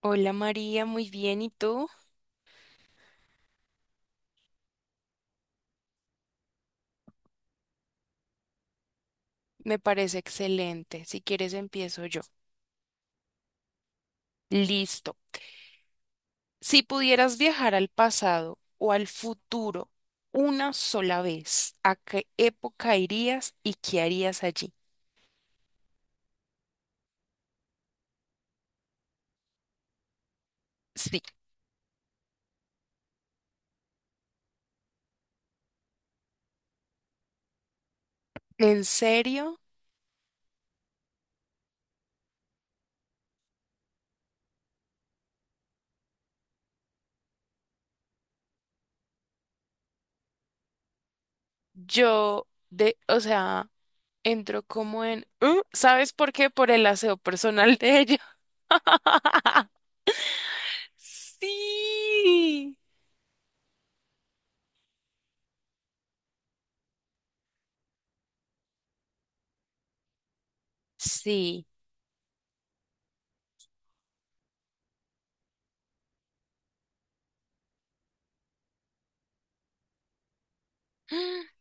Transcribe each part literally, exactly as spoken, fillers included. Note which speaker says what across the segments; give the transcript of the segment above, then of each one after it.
Speaker 1: Hola María, muy bien. ¿Y tú? Me parece excelente. Si quieres, empiezo yo. Listo. Si pudieras viajar al pasado o al futuro una sola vez, ¿a qué época irías y qué harías allí? Sí. ¿En serio? Yo, de, o sea, entro como en... ¿Mm? ¿Sabes por qué? Por el aseo personal de ella. Sí. Sí.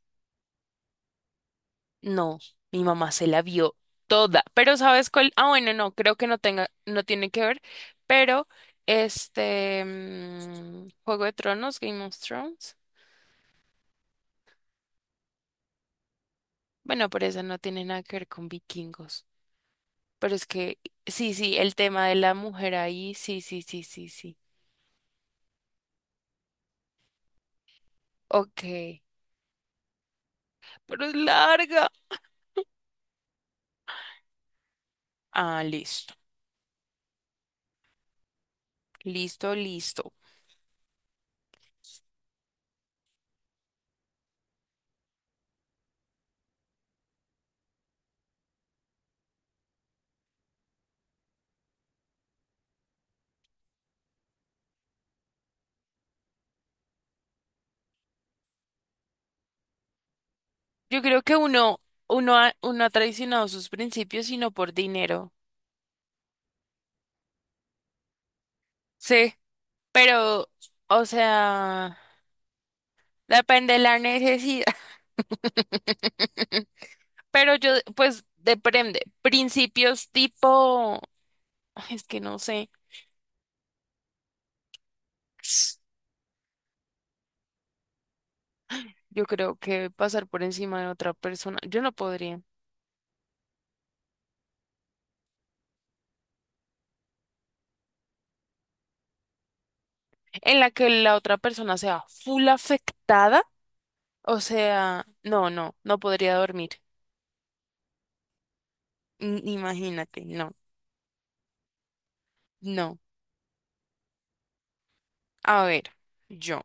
Speaker 1: No, mi mamá se la vio toda, pero ¿sabes cuál? Ah, bueno, no, creo que no tenga, no tiene que ver, pero este mm, Juego de Tronos, Game of Thrones, bueno, pero eso no tiene nada que ver con vikingos, pero es que sí, sí, el tema de la mujer ahí, sí, sí, sí, sí, sí, ok, pero es larga. Ah, listo, listo, listo. Yo creo que uno, uno ha, uno ha traicionado sus principios y no por dinero. Sí. Pero, o sea, depende de la necesidad. Pero yo, pues, depende. Principios tipo, ay, es que no sé. Yo creo que pasar por encima de otra persona, yo no podría. En la que la otra persona sea full afectada, o sea, no, no, no podría dormir. N- Imagínate, no, no. A ver, yo,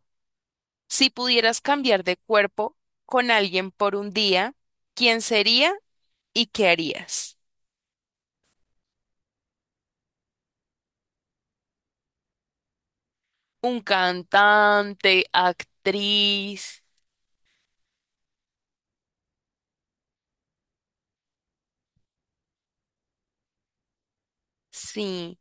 Speaker 1: si pudieras cambiar de cuerpo con alguien por un día, ¿quién sería? ¿Y qué harías? ¿Un cantante, actriz? Sí.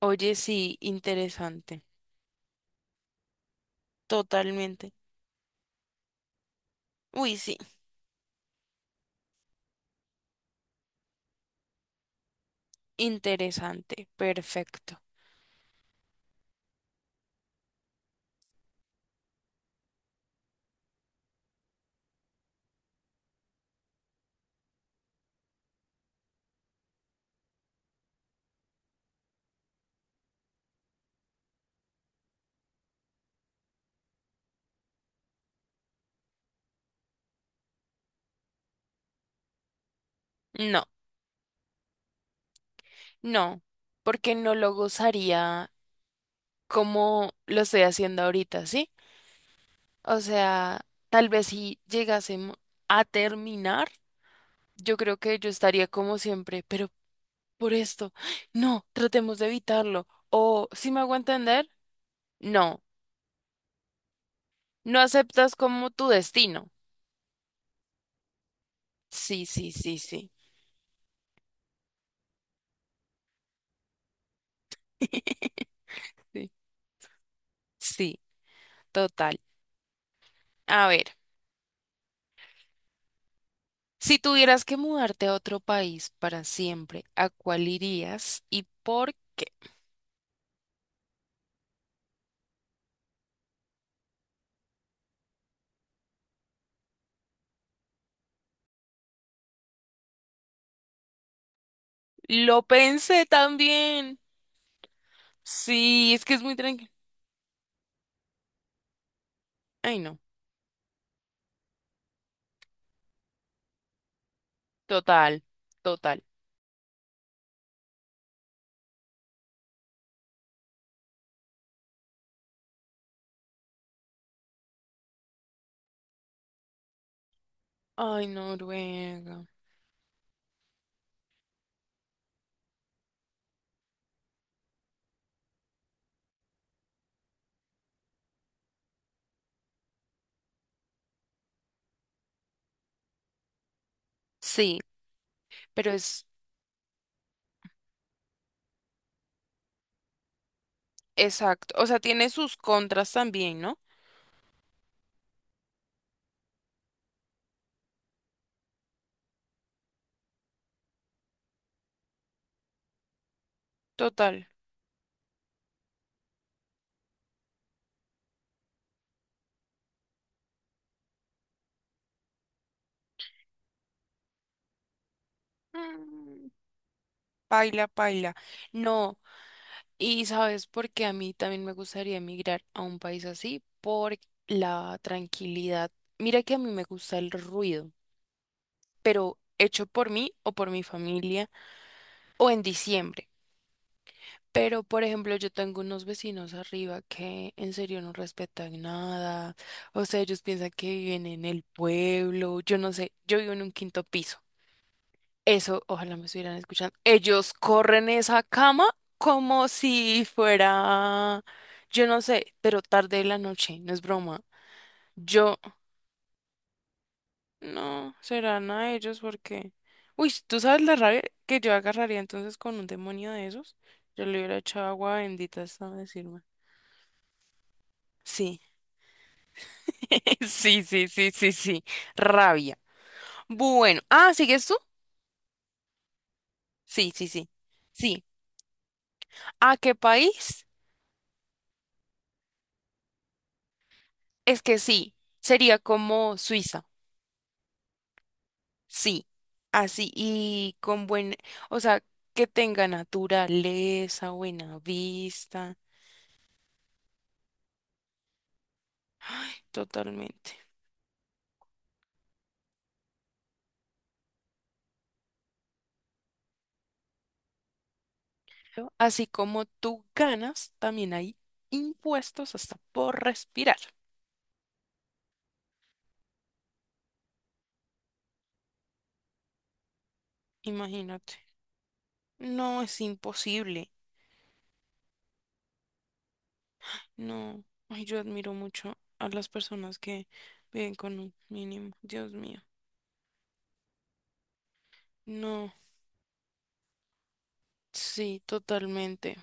Speaker 1: Oye, sí, interesante. Totalmente. Uy, sí, interesante. Perfecto. No, no, porque no lo gozaría como lo estoy haciendo ahorita, ¿sí? O sea, tal vez si llegásemos a terminar, yo creo que yo estaría como siempre, pero por esto, no, tratemos de evitarlo. ¿O, si me hago entender? No. No aceptas como tu destino. Sí, sí, sí, sí. Sí, sí, total. A ver, si tuvieras que mudarte a otro país para siempre, ¿a cuál irías y por qué? Lo pensé también. Sí, es que es muy tranquilo. Ay, no. Total, total. Ay, no, Noruega. Sí, pero es exacto. O sea, tiene sus contras también, ¿no? Total. Mm, paila, paila. No. ¿Y sabes por qué a mí también me gustaría emigrar a un país así? Por la tranquilidad. Mira que a mí me gusta el ruido, pero hecho por mí o por mi familia o en diciembre. Pero, por ejemplo, yo tengo unos vecinos arriba que en serio no respetan nada. O sea, ellos piensan que viven en el pueblo. Yo no sé, yo vivo en un quinto piso. Eso, ojalá me estuvieran escuchando. Ellos corren esa cama como si fuera, yo no sé, pero tarde de la noche, no es broma. Yo, no, serán a ellos porque... Uy, ¿tú sabes la rabia que yo agarraría entonces con un demonio de esos? Yo le hubiera echado agua bendita hasta decirme. Sí, sí, sí, sí, sí, sí, rabia. Bueno, ah, ¿sigues tú? Sí, sí, sí, sí. ¿A qué país? Es que sí, sería como Suiza. Sí, así y con buen, o sea, que tenga naturaleza, buena vista, totalmente. ¿No? Así como tú ganas, también hay impuestos hasta por respirar. Imagínate. No es imposible. No. Ay, yo admiro mucho a las personas que viven con un mínimo. Dios mío. No. Sí, totalmente.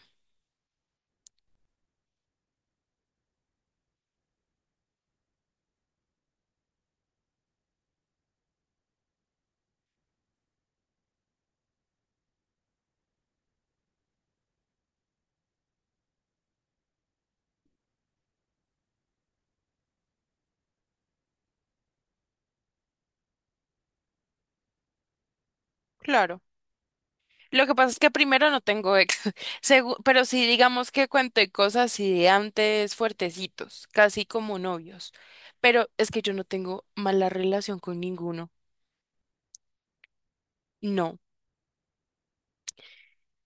Speaker 1: Claro. Lo que pasa es que primero no tengo ex, segu- pero sí digamos que cuento cosas así de antes fuertecitos, casi como novios. Pero es que yo no tengo mala relación con ninguno. No.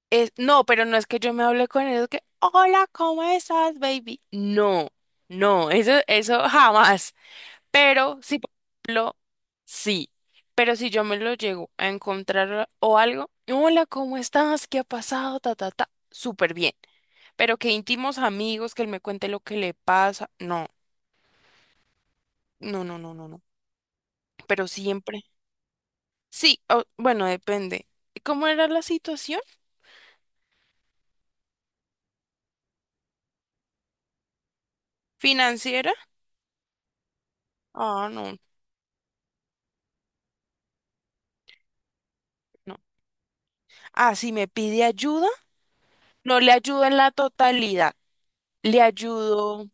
Speaker 1: Es, no, pero no es que yo me hable con ellos que, hola, ¿cómo estás, baby? No, no, eso, eso jamás. Pero si, por ejemplo, sí, pero si yo me lo llego a encontrar o algo, hola, ¿cómo estás? ¿Qué ha pasado? Ta, ta, ta, súper bien. Pero que íntimos amigos, que él me cuente lo que le pasa, no, no, no, no, no, no. Pero siempre. Sí, o- bueno, depende. ¿Cómo era la situación financiera? Ah, no, no. Ah, si me pide ayuda, no le ayudo en la totalidad. Le ayudo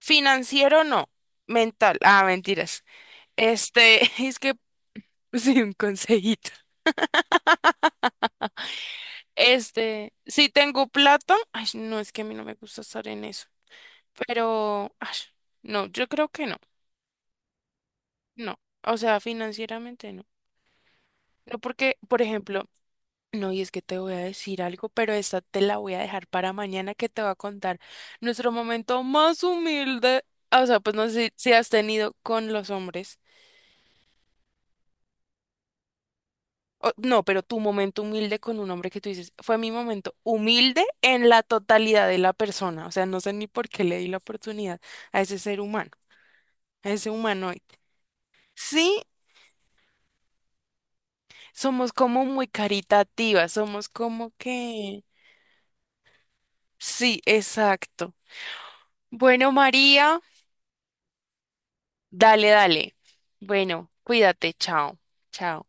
Speaker 1: financiero, no. Mental. Ah, mentiras. Este, es que, sí, un consejito. Este, si tengo plata, ay, no, es que a mí no me gusta estar en eso. Pero, ay, no, yo creo que no, no. O sea, financieramente no. No porque, por ejemplo, no, y es que te voy a decir algo, pero esta te la voy a dejar para mañana que te va a contar nuestro momento más humilde. O sea, pues no sé si, si has tenido con los hombres. O- no, pero tu momento humilde con un hombre que tú dices, fue mi momento humilde en la totalidad de la persona. O sea, no sé ni por qué le di la oportunidad a ese ser humano, a ese humanoide. Sí, somos como muy caritativas, somos como que... Sí, exacto. Bueno, María, dale, dale. Bueno, cuídate, chao, chao.